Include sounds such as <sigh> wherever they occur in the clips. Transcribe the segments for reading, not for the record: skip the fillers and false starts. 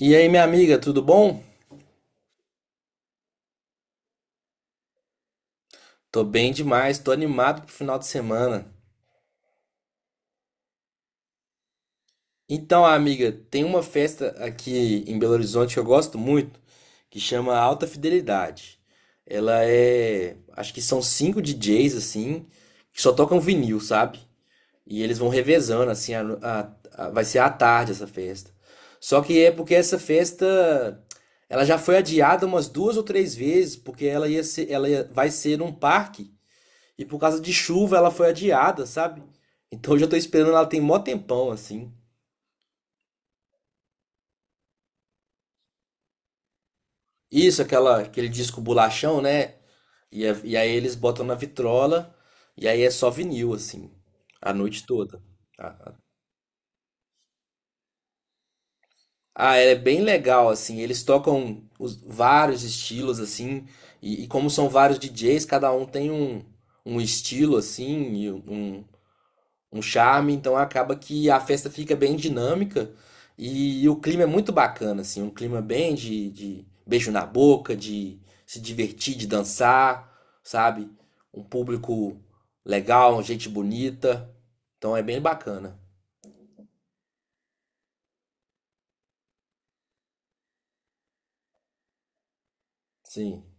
E aí, minha amiga, tudo bom? Tô bem demais, tô animado pro final de semana. Então, amiga, tem uma festa aqui em Belo Horizonte que eu gosto muito, que chama Alta Fidelidade. Ela é, acho que são cinco DJs assim, que só tocam vinil, sabe? E eles vão revezando assim, vai ser à tarde essa festa. Só que é porque essa festa, ela já foi adiada umas duas ou três vezes, porque ela ia ser, ela ia- vai ser num parque. E por causa de chuva ela foi adiada, sabe? Então hoje eu já tô esperando ela tem mó tempão, assim. Isso, aquele disco bolachão, né? E aí eles botam na vitrola, e aí é só vinil, assim, a noite toda. Ah, é bem legal, assim, eles tocam vários estilos, assim, e como são vários DJs, cada um tem um estilo, assim, um charme, então acaba que a festa fica bem dinâmica e o clima é muito bacana, assim, um clima bem de beijo na boca, de se divertir, de dançar, sabe? Um público legal, gente bonita, então é bem bacana, sim.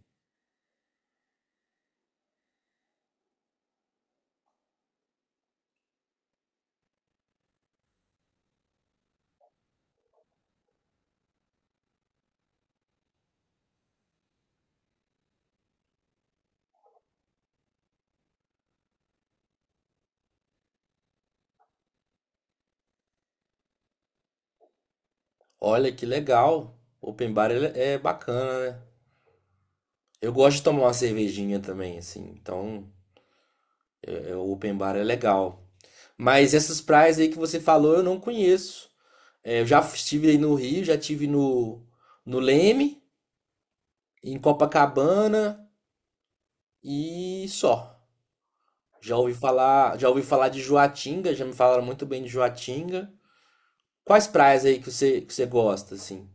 Olha que legal, é bacana, né? Eu gosto de tomar uma cervejinha também, assim, então o open bar é legal. Mas essas praias aí que você falou eu não conheço. É, eu já estive aí no Rio, já estive no Leme, em Copacabana e só. Já ouvi falar de Joatinga, já me falaram muito bem de Joatinga. Quais praias aí que que você gosta, assim?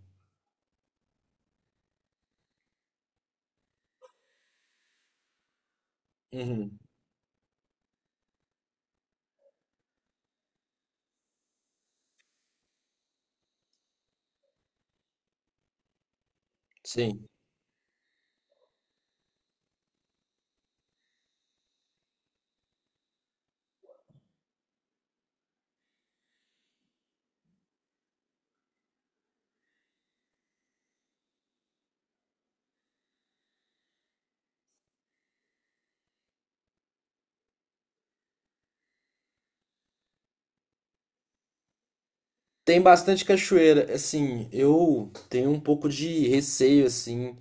Uhum, sim. Tem bastante cachoeira. Assim, eu tenho um pouco de receio, assim,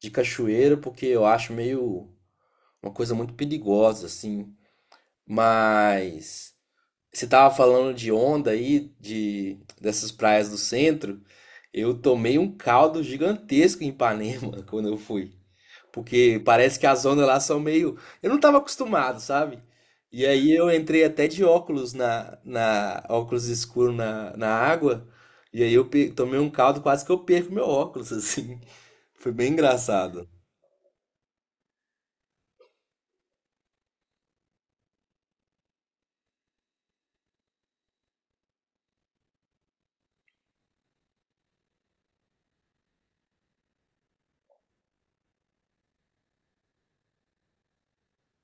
de cachoeira, porque eu acho meio uma coisa muito perigosa, assim. Mas você tava falando de onda aí, de dessas praias do centro. Eu tomei um caldo gigantesco em Ipanema <laughs> quando eu fui, porque parece que as ondas lá são meio, eu não tava acostumado, sabe? E aí eu entrei até de óculos na óculos escuro na água, e aí eu tomei um caldo quase que eu perco meu óculos <laughs> assim. Foi bem engraçado.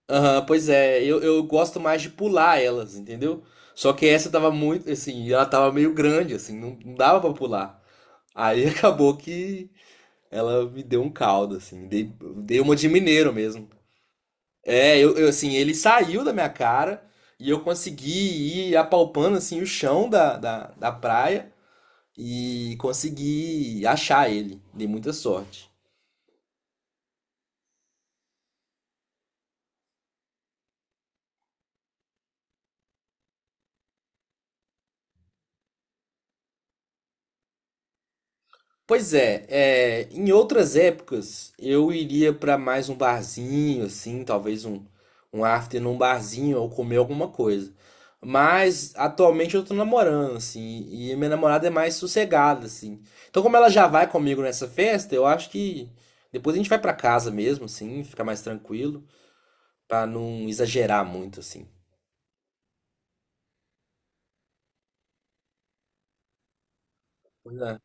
Aham, pois é, eu gosto mais de pular elas, entendeu? Só que essa tava muito, assim, ela tava meio grande, assim, não dava pra pular. Aí <laughs> acabou que ela me deu um caldo, assim, dei uma de mineiro mesmo. Assim, ele saiu da minha cara e eu consegui ir apalpando, assim, o chão da praia e consegui achar ele. Dei muita sorte. Pois é, é, em outras épocas eu iria pra mais um barzinho, assim, talvez um after num barzinho ou comer alguma coisa. Mas atualmente eu tô namorando, assim, e minha namorada é mais sossegada, assim. Então, como ela já vai comigo nessa festa, eu acho que depois a gente vai pra casa mesmo, assim, ficar mais tranquilo, pra não exagerar muito, assim. Pois é.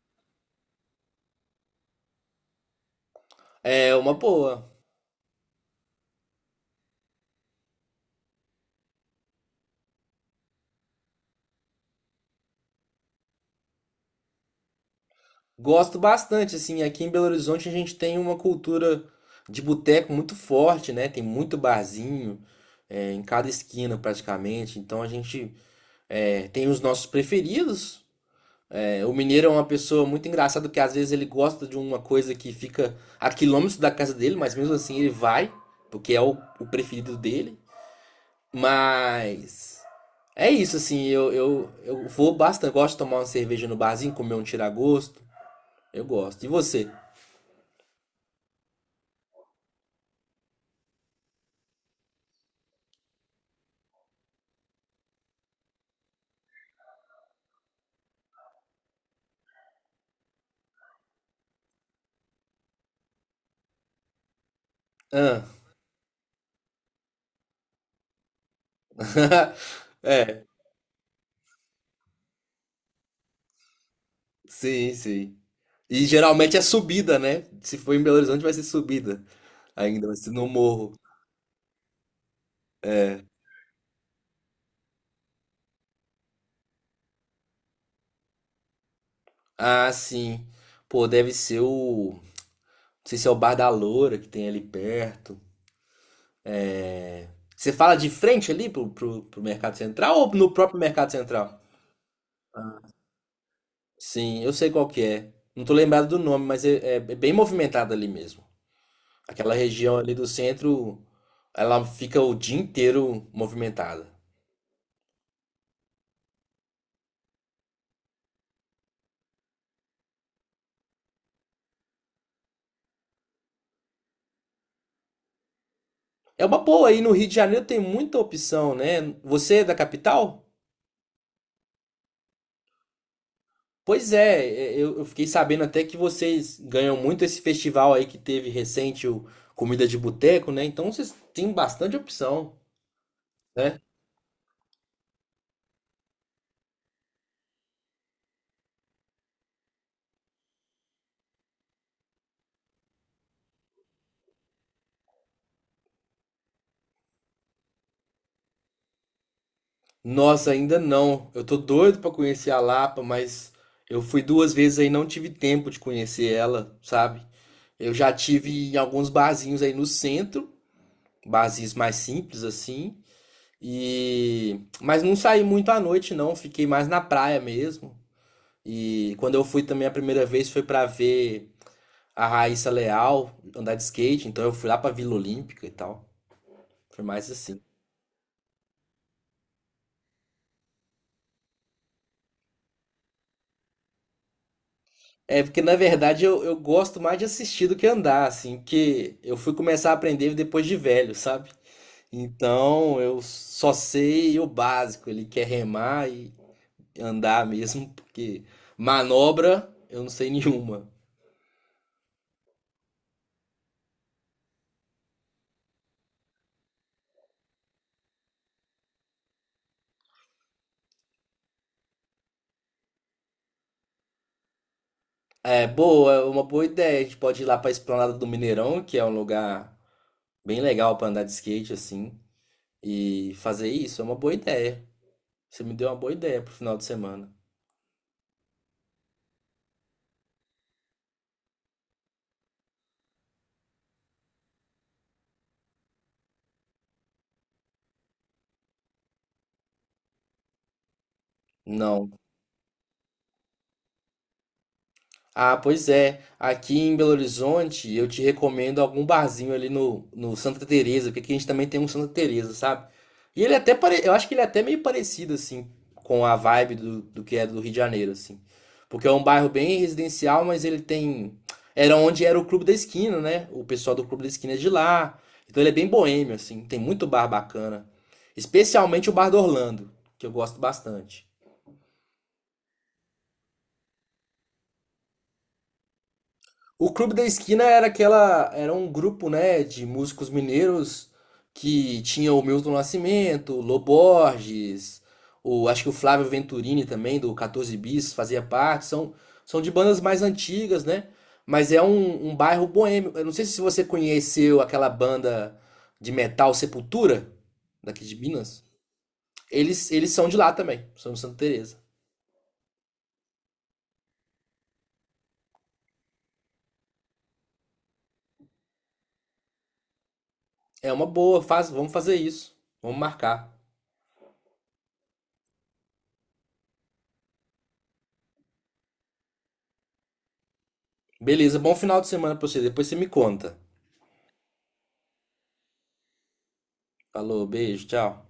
É uma boa. Gosto bastante, assim, aqui em Belo Horizonte a gente tem uma cultura de boteco muito forte, né? Tem muito barzinho, é, em cada esquina praticamente. Então a gente é, tem os nossos preferidos. É, o mineiro é uma pessoa muito engraçada, porque às vezes ele gosta de uma coisa que fica a quilômetros da casa dele, mas mesmo assim ele vai, porque é o preferido dele. Mas é isso, assim, eu vou bastante. Gosto de tomar uma cerveja no barzinho, comer um tiragosto. Eu gosto. E você? Hã. <laughs> É, sim, sim. E geralmente é subida, né? Se for em Belo Horizonte vai ser subida. Ainda vai ser no morro. Ah, sim. Pô, deve ser o. Não sei se é o Bar da Loura que tem ali perto. Você fala de frente ali pro Mercado Central ou no próprio Mercado Central? Sim, eu sei qual que é. Não tô lembrado do nome, mas é bem movimentado ali mesmo. Aquela região ali do centro, ela fica o dia inteiro movimentada. É uma boa, aí no Rio de Janeiro tem muita opção, né? Você é da capital? Pois é, é, eu fiquei sabendo até que vocês ganham muito esse festival aí que teve recente, o Comida de Boteco, né? Então vocês têm bastante opção, né? Nossa, ainda não. Eu tô doido pra conhecer a Lapa, mas eu fui duas vezes aí e não tive tempo de conhecer ela, sabe? Eu já tive em alguns barzinhos aí no centro, barzinhos mais simples assim. E mas não saí muito à noite não, fiquei mais na praia mesmo. E quando eu fui também a primeira vez foi pra ver a Raíssa Leal andar de skate, então eu fui lá pra Vila Olímpica e tal. Foi mais assim. É porque na verdade eu gosto mais de assistir do que andar, assim, que eu fui começar a aprender depois de velho, sabe? Então eu só sei o básico, ele quer remar e andar mesmo, porque manobra eu não sei nenhuma. É boa, é uma boa ideia. A gente pode ir lá pra Esplanada do Mineirão, que é um lugar bem legal pra andar de skate assim, e fazer isso. É uma boa ideia. Você me deu uma boa ideia pro final de semana. Não. Ah, pois é. Aqui em Belo Horizonte, eu te recomendo algum barzinho ali no Santa Teresa, porque aqui a gente também tem um Santa Teresa, sabe? E ele é até pare... eu acho que ele é até meio parecido assim com a vibe do que é do Rio de Janeiro, assim. Porque é um bairro bem residencial, mas ele tem era onde era o Clube da Esquina, né? O pessoal do Clube da Esquina é de lá. Então ele é bem boêmio assim, tem muito bar bacana, especialmente o Bar do Orlando, que eu gosto bastante. O Clube da Esquina era aquela, era um grupo, né, de músicos mineiros que tinha o Milton Nascimento, o Lô Borges, o, acho que o Flávio Venturini também, do 14 Bis, fazia parte. São, são de bandas mais antigas, né? Mas é um bairro boêmio. Eu não sei se você conheceu aquela banda de metal Sepultura, daqui de Minas. Eles são de lá também, são de Santa Teresa. É uma boa, faz, vamos fazer isso. Vamos marcar. Beleza, bom final de semana pra você. Depois você me conta. Falou, beijo, tchau.